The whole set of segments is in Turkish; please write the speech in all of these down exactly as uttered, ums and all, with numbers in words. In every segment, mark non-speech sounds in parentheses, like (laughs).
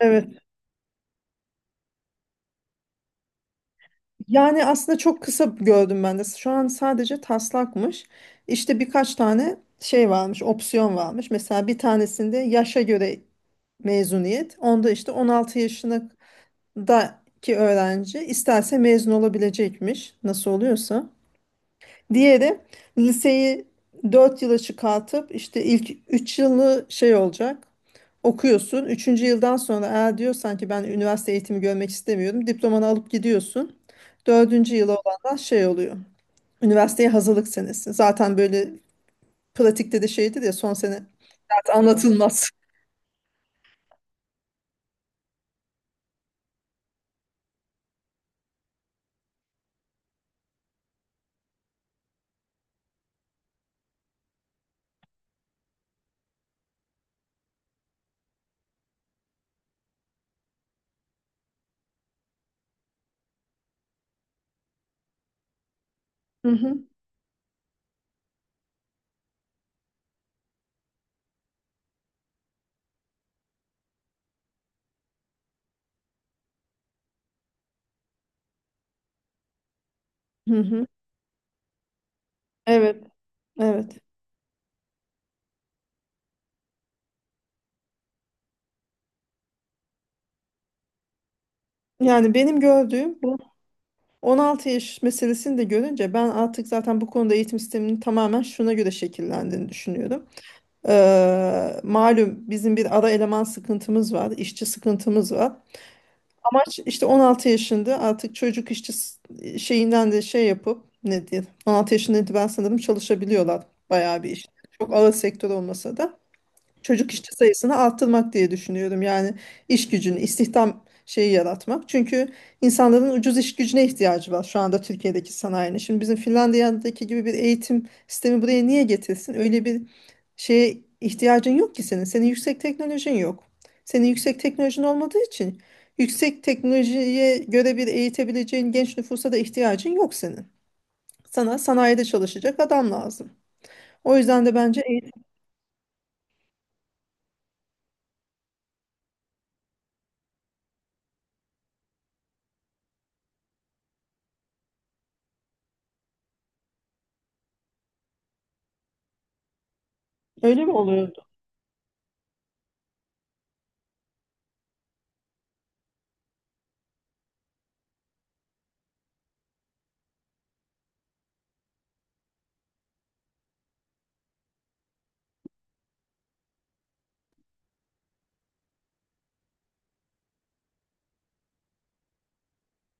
Evet. Yani aslında çok kısa gördüm ben de. Şu an sadece taslakmış. İşte birkaç tane şey varmış, opsiyon varmış. Mesela bir tanesinde yaşa göre mezuniyet. Onda işte on altı yaşındaki öğrenci isterse mezun olabilecekmiş. Nasıl oluyorsa. Diğeri liseyi dört yıla çıkartıp işte ilk üç yılı şey olacak. Okuyorsun. Üçüncü yıldan sonra eğer diyorsan ki ben üniversite eğitimi görmek istemiyorum. Diplomanı alıp gidiyorsun. Dördüncü yıla olanlar şey oluyor. Üniversiteye hazırlık senesi. Zaten böyle pratikte de şeydir ya son sene zaten anlatılmaz. Hı hı. Hı hı. Evet, evet. Yani benim gördüğüm bu on altı yaş meselesini de görünce ben artık zaten bu konuda eğitim sisteminin tamamen şuna göre şekillendiğini düşünüyorum. Ee, malum bizim bir ara eleman sıkıntımız var, işçi sıkıntımız var. Amaç işte on altı yaşında artık çocuk işçi s- şeyinden de şey yapıp ne diye on altı yaşında ben sanırım çalışabiliyorlar bayağı bir iş. Çok ağır sektör olmasa da çocuk işçi sayısını arttırmak diye düşünüyorum. Yani iş gücünü, istihdam şeyi yaratmak. Çünkü insanların ucuz iş gücüne ihtiyacı var şu anda Türkiye'deki sanayinin. Şimdi bizim Finlandiya'daki gibi bir eğitim sistemi buraya niye getirsin? Öyle bir şeye ihtiyacın yok ki senin. Senin yüksek teknolojin yok. Senin yüksek teknolojin olmadığı için yüksek teknolojiye göre bir eğitebileceğin genç nüfusa da ihtiyacın yok senin. Sana sanayide çalışacak adam lazım. O yüzden de bence eğitim. Öyle mi oluyordu?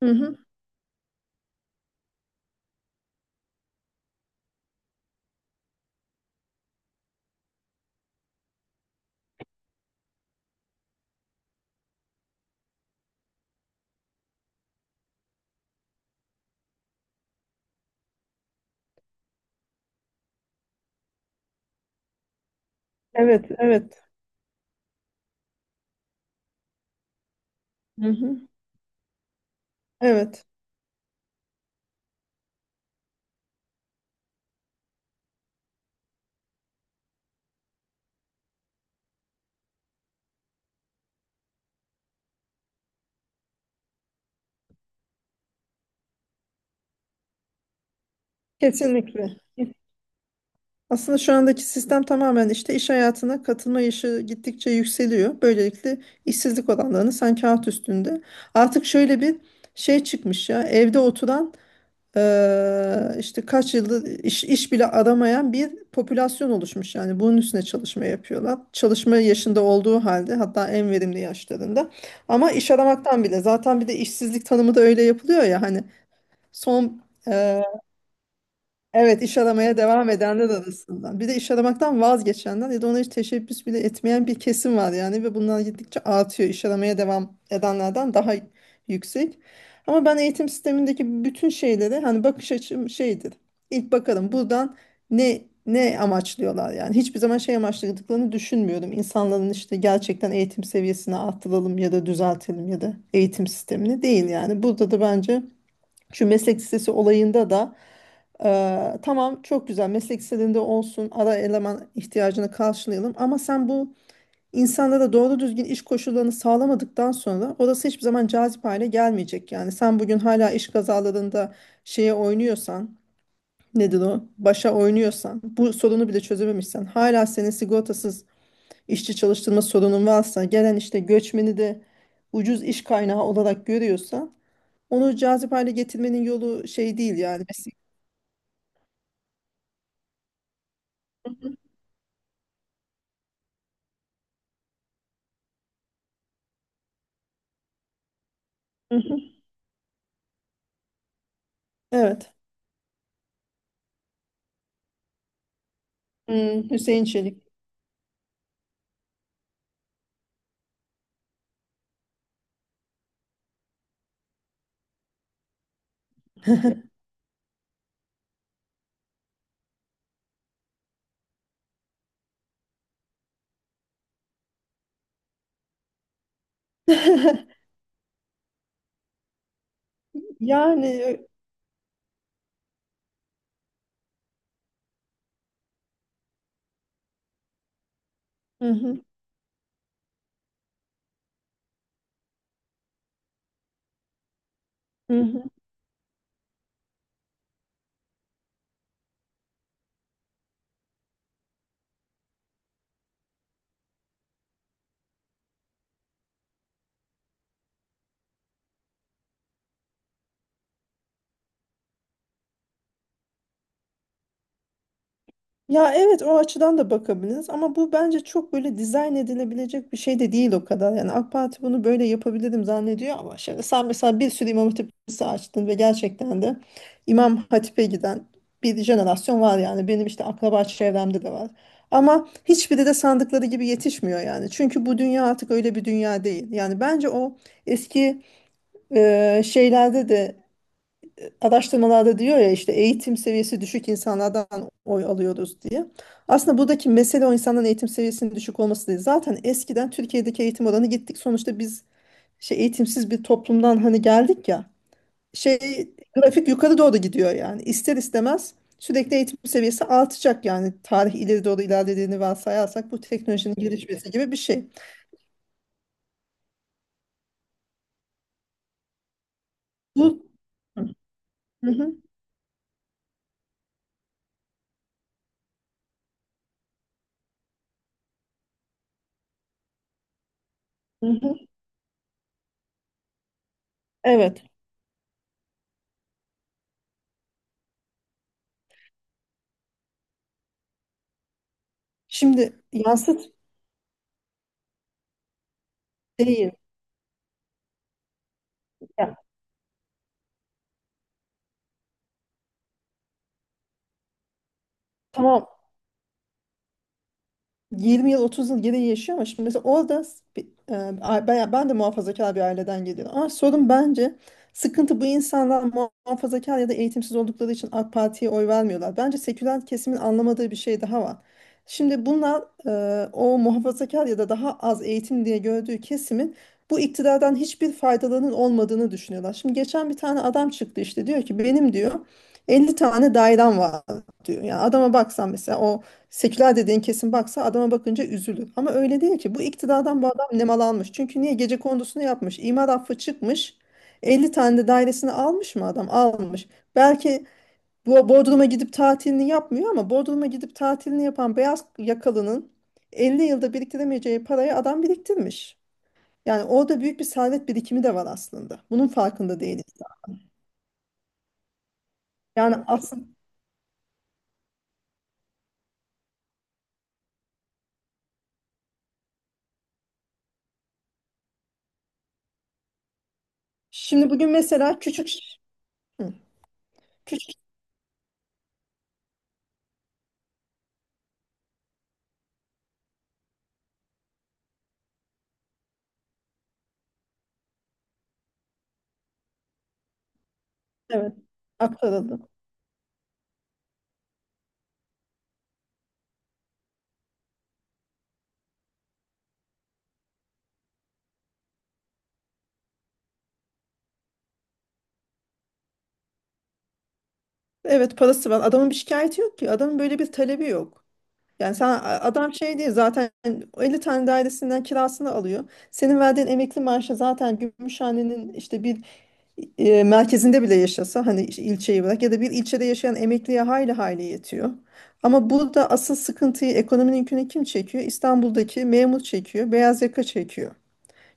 Hı hı. Evet, evet. Hı hı. Evet, kesinlikle. Aslında şu andaki sistem tamamen işte iş hayatına katılma yaşı gittikçe yükseliyor. Böylelikle işsizlik oranlarını sen kağıt üstünde. Artık şöyle bir şey çıkmış ya evde oturan eee, işte kaç yıldır iş, iş bile aramayan bir popülasyon oluşmuş. Yani bunun üstüne çalışma yapıyorlar. Çalışma yaşında olduğu halde hatta en verimli yaşlarında. Ama iş aramaktan bile zaten bir de işsizlik tanımı da öyle yapılıyor ya hani son. Evet, iş aramaya devam edenler arasından. Bir de iş aramaktan vazgeçenler ya da ona hiç teşebbüs bile etmeyen bir kesim var yani ve bunlar gittikçe artıyor. İş aramaya devam edenlerden daha yüksek. Ama ben eğitim sistemindeki bütün şeyleri hani bakış açım şeydir. İlk bakalım buradan ne ne amaçlıyorlar yani. Hiçbir zaman şey amaçladıklarını düşünmüyorum. İnsanların işte gerçekten eğitim seviyesini arttıralım ya da düzeltelim ya da eğitim sistemini değil yani. Burada da bence şu meslek lisesi olayında da eee, tamam çok güzel meslek liselerinde olsun ara eleman ihtiyacını karşılayalım ama sen bu insanlara doğru düzgün iş koşullarını sağlamadıktan sonra orası hiçbir zaman cazip hale gelmeyecek. Yani sen bugün hala iş kazalarında şeye oynuyorsan nedir o başa oynuyorsan bu sorunu bile çözememişsen hala senin sigortasız işçi çalıştırma sorunun varsa gelen işte göçmeni de ucuz iş kaynağı olarak görüyorsa. Onu cazip hale getirmenin yolu şey değil yani. Mes- Hı hı. Evet. Hmm, Hüseyin Çelik. (laughs) Yani. Hı hı. Hı hı. Ya evet, o açıdan da bakabiliriz ama bu bence çok böyle dizayn edilebilecek bir şey de değil o kadar. Yani AK Parti bunu böyle yapabilirim zannediyor ama şimdi sen mesela bir sürü İmam Hatip Lisesi açtın ve gerçekten de İmam Hatip'e giden bir jenerasyon var yani benim işte akraba çevremde de var. Ama hiçbiri de sandıkları gibi yetişmiyor yani. Çünkü bu dünya artık öyle bir dünya değil. Yani bence o eski e, şeylerde de araştırmalarda diyor ya işte eğitim seviyesi düşük insanlardan oy alıyoruz diye. Aslında buradaki mesele o insanların eğitim seviyesinin düşük olması değil. Zaten eskiden Türkiye'deki eğitim oranı gittik. Sonuçta biz şey eğitimsiz bir toplumdan hani geldik ya. Şey grafik yukarı doğru gidiyor yani. İster istemez sürekli eğitim seviyesi artacak yani. Tarih ileri doğru ilerlediğini varsayarsak bu teknolojinin gelişmesi gibi bir şey. Bu. Hı hı, hı hı. Evet. Şimdi yansıt değil. Ya, tamam, yirmi yıl otuz yıl geriye yaşıyor ama şimdi mesela orada s- bir- e, a- ben, ben de muhafazakar bir aileden geliyorum. Ama sorun bence sıkıntı bu insanlar muha- muhafazakar ya da eğitimsiz oldukları için AK Parti'ye oy vermiyorlar. Bence seküler kesimin anlamadığı bir şey daha var. Şimdi bunlar e, o muhafazakar ya da daha az eğitim diye gördüğü kesimin bu iktidardan hiçbir faydalarının olmadığını düşünüyorlar. Şimdi geçen bir tane adam çıktı işte diyor ki benim diyor elli tane dairem var diyor. Yani adama baksan mesela o Seküler dediğin kesin baksa adama bakınca üzülür. Ama öyle değil ki. Bu iktidardan bu adam nemalanmış. Çünkü niye? Gece kondusunu yapmış. İmar affı çıkmış. elli tane de dairesini almış mı adam? Almış. Belki bu Bodrum'a gidip tatilini yapmıyor ama Bodrum'a gidip tatilini yapan beyaz yakalının elli yılda biriktiremeyeceği parayı adam biriktirmiş. Yani orada büyük bir servet birikimi de var aslında. Bunun farkında değiliz. Yani aslında şimdi bugün mesela küçük. Hı, küçük evet aktarıldı. Evet, parası var. Adamın bir şikayeti yok ki. Adamın böyle bir talebi yok. Yani sen a- adam şey değil zaten elli tane dairesinden kirasını alıyor. Senin verdiğin emekli maaşı zaten Gümüşhane'nin işte bir e, merkezinde bile yaşasa hani işte ilçeyi bırak ya da bir ilçede yaşayan emekliye hayli hayli yetiyor. Ama burada asıl sıkıntıyı ekonominin yükünü kim çekiyor? İstanbul'daki memur çekiyor, beyaz yaka çekiyor.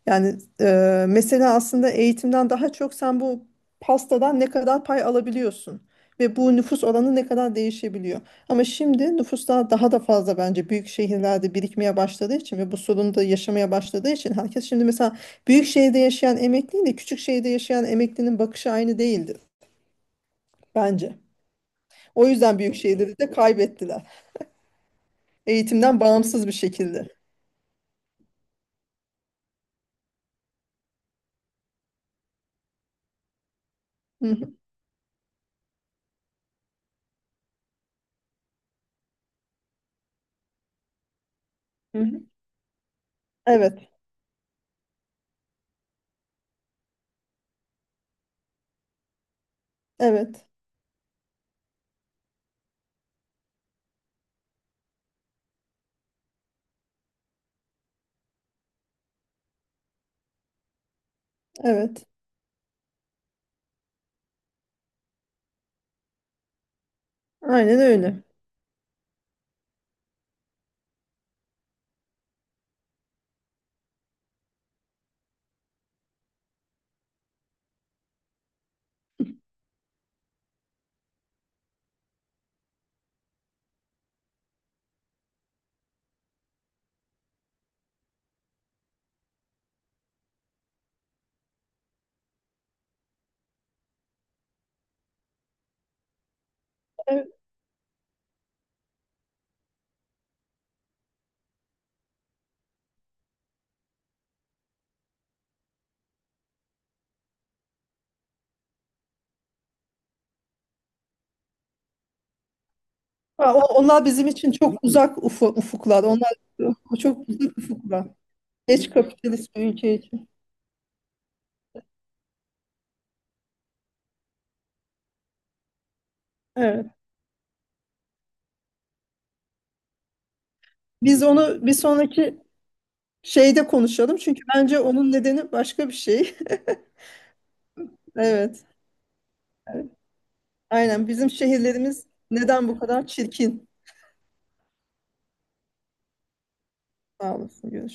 Yani e, mesele aslında eğitimden daha çok sen bu pastadan ne kadar pay alabiliyorsun ve bu nüfus oranı ne kadar değişebiliyor. Ama şimdi nüfuslar daha da fazla bence büyük şehirlerde birikmeye başladığı için ve bu sorunu da yaşamaya başladığı için herkes şimdi mesela büyük şehirde yaşayan emekliyle küçük şehirde yaşayan emeklinin bakışı aynı değildir bence. O yüzden büyük şehirleri de kaybettiler. Eğitimden bağımsız bir şekilde. Hı hı. Hı hı. Evet, evet, evet. Aynen öyle. Ha, o- onlar bizim için çok uzak ufu, ufuklar. Onlar çok uzak ufuklar. Geç kapitalist bir ülke için. Evet. Biz onu bir sonraki şeyde konuşalım. Çünkü bence onun nedeni başka bir şey. (laughs) Evet. Aynen. Bizim şehirlerimiz neden bu kadar çirkin? Sağ olasın. Görüşürüz.